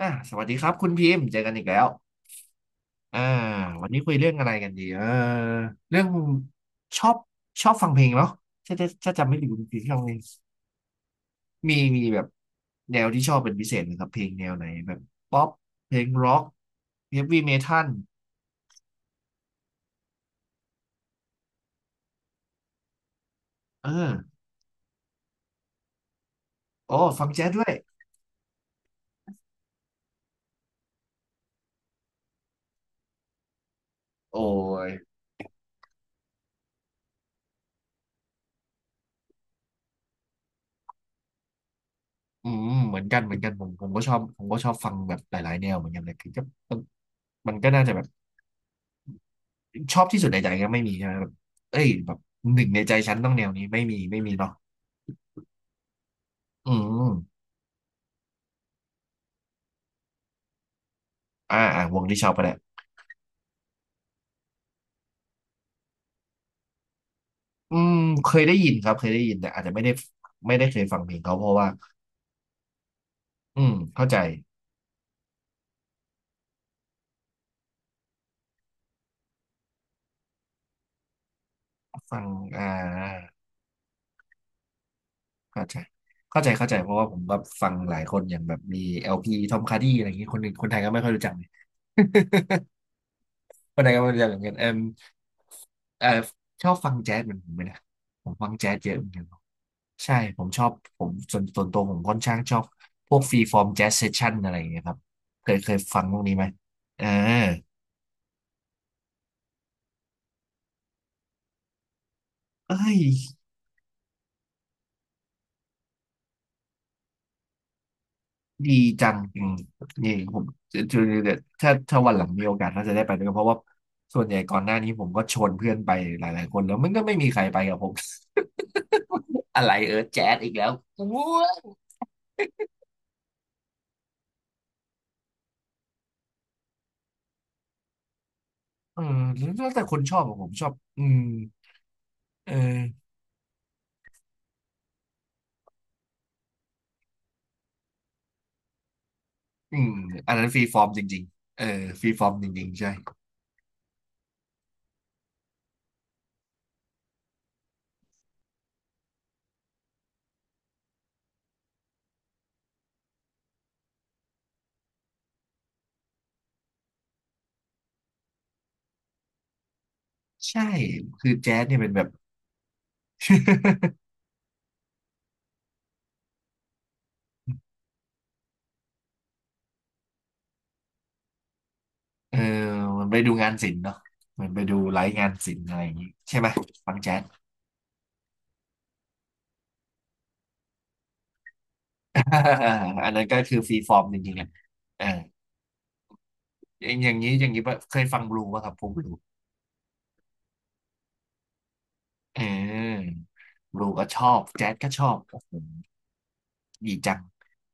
สวัสดีครับคุณพิมพ์เจอกันอีกแล้วอ่าวันนี้คุยเรื่องอะไรกันดีเรื่องชอบชอบฟังเพลงเนาะถ้าจำไม่ผิดคุณพิมพ์ชอบเพลงมีแบบแนวที่ชอบเป็นพิเศษไหมครับเพลงแนวไหนแบบป๊อปเพลงร็อกเฮฟวี่เมทัลเออโอ้ฟังแจ๊สด้วยโอ้ยอืมเหมือนกันผมก็ชอบผมก็ชอบฟังแบบหลายๆแนวเหมือนกันเลยคือก็มันมันก็น่าจะแบบชอบที่สุดในใจก็ไม่มีใช่ไหมแบบเอ้ยแบบหนึ่งในใจฉันต้องแนวนี้ไม่มีเนาะ อืมอ่าวงที่ชอบก็ได้อืมเคยได้ยินครับเคยได้ยินแต่อาจจะไม่ได้เคยฟังเพลงเขาเพราะว่าอืมเข้าใจฟังอ่าเข้าใจเข้าใจเพราะว่าผมแบบฟังหลายคนอย่างแบบมีเอลพีทอมคาร์ดี้อะไรอย่างงี้คนอื่นคนไทยก็ไม่ค่อยรู้จักเลย คนไทยก็ไม่รู้จักเหมือนกันเอมเออชอบฟังแจ๊สเหมือนผมไหมนะผมฟังแจ๊สเยอะเหมือนกันใช่ ผมชอบผมส่วนตัวผมค่อนข้างชอบพวกฟรีฟอร์มแจ๊สเซสชั่นอะไรอย่างเงี้ยครับเคยฟังพวกนี้ไหมเออ เอ้ยดีจังอืมนี่ผมจะจะจะถ้าวันหลังมีโอกาสน่าจะได้ไปด้วยกันเพราะว่าส่วนใหญ่ก่อนหน้านี้ผมก็ชวนเพื่อนไปหลายๆคนแล้วมันก็ไม่มีใครไปกับผม อะไรเออแจ๊สอีกแล้วอู้เออแล้วแต่คนชอบของผมชอบอืมเอออืมอันนั้นฟรีฟอร์มจริงๆเออฟรีฟอร์มจริงๆใช่ใช่คือแจ๊สเนี่ยเป็นแบบ เออมันไปดูงานศิลป์เนาะมันไปดูไลฟ์งานศิลป์อะไรอย่างงี้ใช่ไหมฟังแจ๊ส อันนั้นก็คือฟรีฟอร์มจริงๆอ่ะเอออย่างนี้อย่างนี้ปะเคยฟังบลูป่ะครับพวกบลูเออบลูก็ชอบแจ๊สก็ชอบโอ้โหดีจัง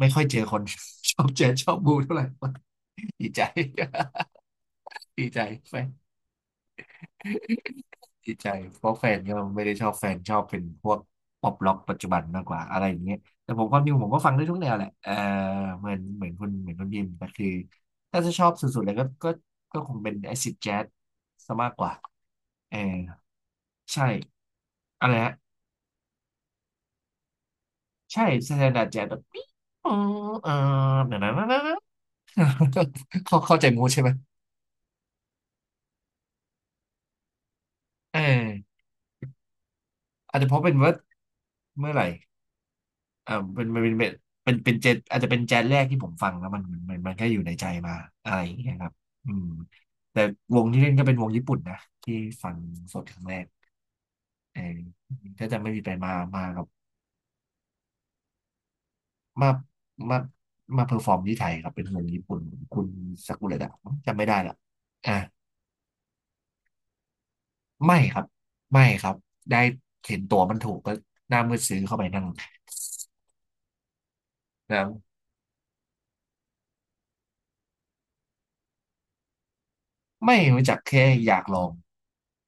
ไม่ค่อยเจอคน ชอบแจ๊สชอบบลูเท่าไหร่ ดีใจ ดีใจไป ที่ใจเพราะแฟนก็ไม่ได้ชอบแฟนชอบเป็นพวกป๊อปร็อกปัจจุบันมากกว่าอะไรอย่างเงี้ยแต่ผมความจริงผมก็ฟังได้ทุกแนวแหละเออเหมือนคุณเหมือนคนพิมพ์แต่คือถ้าจะชอบสุดๆเลยก็ก็คงเป็นแอซิดแจ๊สซะมากกว่าเออใช่อะไรฮะใช่สแตนดาร์ดแจ๊สแบบปิ๊งออเออเดี๋ยวนะ นะนะนะ เข้าใจมูดใช่ไหมเอออาจจะเพราะเป็นว่าเมื่อไหร่ เออเป็นแจ๊สอาจจะเป็นแจ๊สแรกที่ผมฟังแล้วมันก็อยู่ในใจมาอะไรอย่างเงี้ยครับอืมแต่วงที่เล่นก็เป็นวงญี่ปุ่นนะที่ฟังสดครั้งแรกเออก็จะไม่มีไปมามากับมามามาเพอร์ฟอร์มที่ไทยครับเป็นวงญี่ปุ่นคุณซากุระดะจำไม่ได้ละอ่ะไม่ครับไม่ครับได้เห็นตัวมันถูกก็หน้ามืดซื้อเข้าไปนั่งนะไม่รู้จักแค่อยากลอง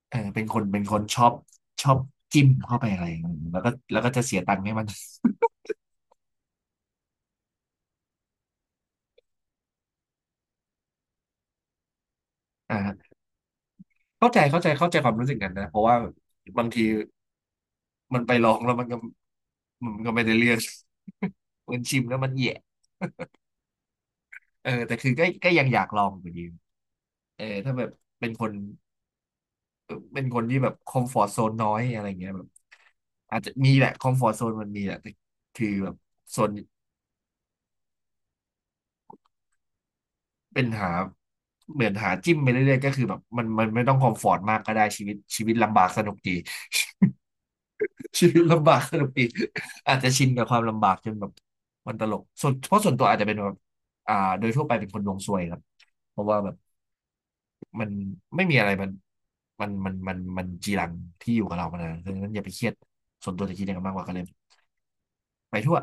เออเป็นคนชอบชอบจิ้มเข้าไปอะไรอย่างนั้นแล้วก็แล้วก็จะเสียตังค์ให้มัน อ่าเข้าใจเข้าใจความรู้สึกกันนะเพราะว่าบางทีมันไปลองแล้วมันก็ไม่ได้เรื่อง มันชิมแล้วมันแย่เออแต่คือก็ยังอยากลองอยู่ดีเออถ้าแบบเป็นคนเออเป็นคนที่แบบคอมฟอร์ z โซนน้อยอะไรเงี้ยแบบอาจจะมีแหละคอมฟอร์ z โซนมันมีแหละแต่คือแบบโซน เป็นหาเหมือนหาจิ้มไปเรื่อยๆก็คือแบบมันไม่ต้องคอมฟอร์ตมากก็ได้ชีวิตชีวิตลำบากสนุกดี ชีวิตลำบากสนุกดีอาจจะชินกับความลำบากจนแบบมันตลกส่วนเพราะส่วนตัวอาจจะเป็นแบบอ่าโดยทั่วไปเป็นคนดวงซวยครับเพราะว่าแบบมันไม่มีอะไรมันจีรังที่อยู่กับเรามานานดังนั้นอย่าไปเครียดส่วนตัวจะคิดอย่างนั้นมากกว่าก็เลยไปทั่ว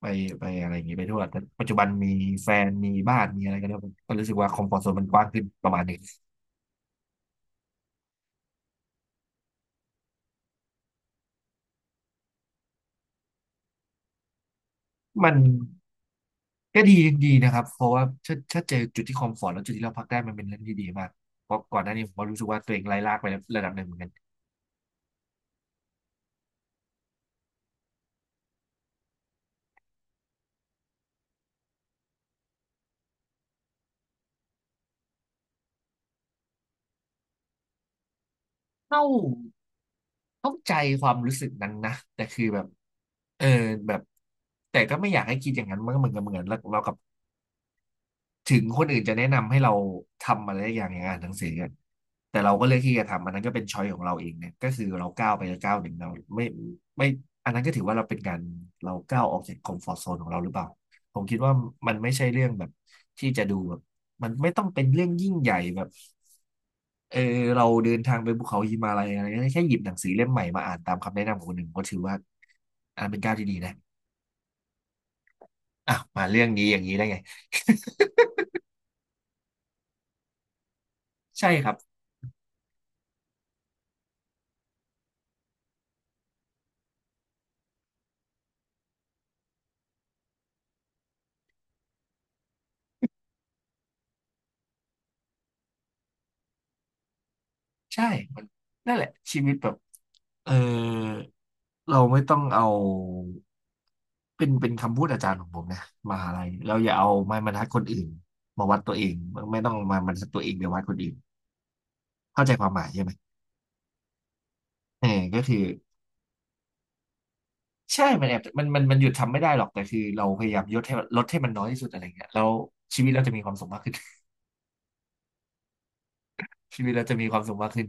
ไปไปอะไรอย่างงี้ไปทั่วแต่ปัจจุบันมีแฟนมีบ้านมีอะไรกันแล้วก็รู้สึกว่าคอมฟอร์ตโซนมันกว้างขึ้นประมาณหนึง มันก็ดีนะครับเพราะว่าถ้าเจอจุดที่คอมฟอร์ตแล้วจุดที่เราพักได้มันเป็นเรื่องที่ดีมากเพราะก่อนหน้านี้ผมก็รู้สึกว่าตัวเองไร้ลากไประดับหนึ่งเหมือนกันเข้าเข้าใจความรู้สึกนั้นนะแต่คือแบบเออแบบแต่ก็ไม่อยากให้คิดอย่างนั้นมันก็เหมือนกับเหมือนเรากลับ ถึงคนอื่นจะแนะนำให้เราทำอะไรอย่างอ่านหนังสือกันแต่เราก็เลือกที่จะทำอันนั้นก็เป็นช้อยของเราเองเนี่ยก็คือเราก้าวไปก้าวหนึ่งเราไม่ไม่อันนั้นก็ถือว่าเราเป็นการเราก้าวออกจากคอมฟอร์ z โซนของเราหรือเปล่าผมคิดว่ามันไม่ใช่เรื่องแบบที่จะดูแบบมันไม่ต้องเป็นเรื่องยิ่งใหญ่แบบเออเราเดินทางไปภูเขาหิมาลัยอะไรเงี้ยแค่หยิบหนังสือเล่มใหม่มาอ่านตามคำแนะนำของคนหนึ่งก็ถือว่าอันเป็นก้าวที่ดีนะอ่ะมาเรื่องนี้อย่างนี้ได้ไงใช่ครับ ใช่มันนั่นแหละชีวิตแบบเออเราไม่ต้องเอาเป็นคำพูดอาจารย์ของผมนะมหาลัยเราอย่าเอาไม้บรรทัดคนอื่นมาวัดตัวเองไม่ต้องมาบรรทัดตัวเองไปวัดคนอื่นเข้าใจความหมายใช่ไหมเออก็คือใช่มันแอบมันหยุดทำไม่ได้หรอกแต่คือเราพยายามลดให้มันน้อยที่สุดอะไรเงี้ยแล้วชีวิตเราจะมีความสุขมากขึ้น ชีวิตเราจะมีความสุขมากขึ้น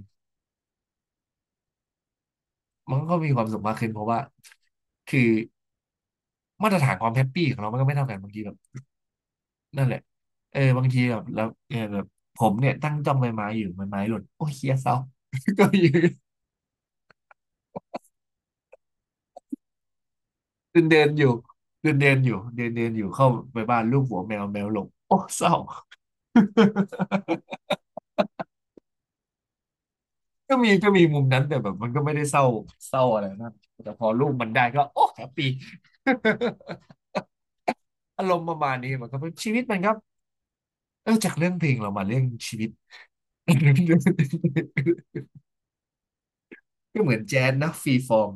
มันก็มีความสุขมากขึ้นเพราะว่าคือมาตรฐานความแฮปปี้ของเรามันก็ไม่เท่ากันบางทีแบบ นั่นแหละบางทีแบบแล้วเออแบบผมเนี่ยตั้งจ้องใบไม้อยู่ใบไม้หล่นโอ้ยเฮียเศร้า ก็ยืนเดินเดินอยู่เดินเดินอยู่เดินเดินอยู่ เข้าไปบ้านลูกหัวแมวแมวหลงโอ้เศร้า ก็มีก็มีมุมนั้นแต่แบบมันก็ไม่ได้เศร้าอะไรนะแต่พอลูกมันได้ก็โอ้แฮปปี้ อารมณ์ประมาณนี้มันก็เป็นชีวิตมันครับเออจากเรื่องเพลงเรามาเรื่องชีวิต ก็เหมือนแจ๊สนะฟรีฟอร์ม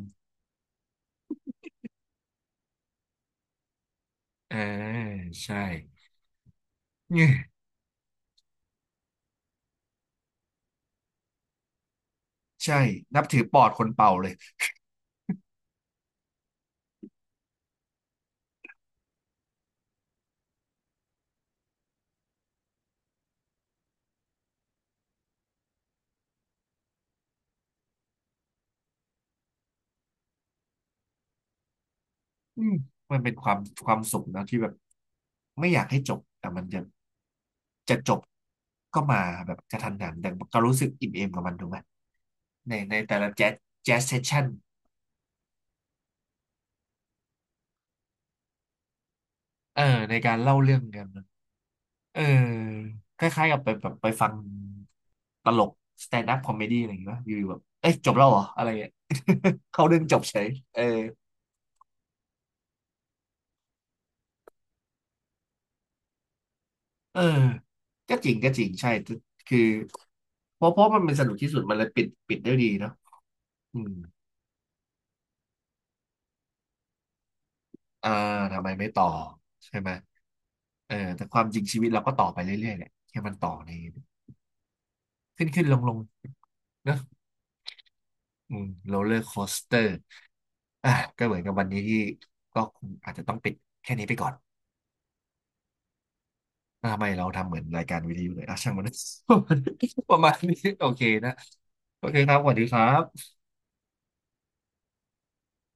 อ่าใช่ ใช่ นับถือปอดคนเป่าเลยอืมมันเป็นความความสุขนะที่แบบไม่อยากให้จบแต่มันจะจะจบก็มาแบบกระทันหันแต่ก็รู้สึกอิ่มเอมกับมันถูกไหมในในแต่ละแจ๊สแจ๊สเซสชั่นเออในการเล่าเรื่องกันนะเออคล้ายๆกับไปแบบไปฟังตลกสแตนด์อัพคอมเมดี้อะไรอย่างเงี้ยป่ะอยู่ๆแบบเอ้ยจบแล้วเหรออะไรเงี้ย เข้าเรื่องจบเฉยเออ เออก็จริงก็จริงใช่ทุกคือเพราะมันเป็นสนุกที่สุดมันเลยปิดได้ดีเนาะอืมอ่าทำไมไม่ต่อใช่ไหมเออแต่ความจริงชีวิตเราก็ต่อไปเรื่อยๆแหละแค่มันต่อในขึ้นลงๆเนอะอืมโรลเลอร์โคสเตอร์อ่ะก็เหมือนกับวันนี้ที่ก็คงอาจจะต้องปิดแค่นี้ไปก่อนอ่ะทำไมเราทำเหมือนรายการวิทยุเลยอ่ะช่างมัน ประมาณนี้โอเคนะโอเคครับสวัสดีครับ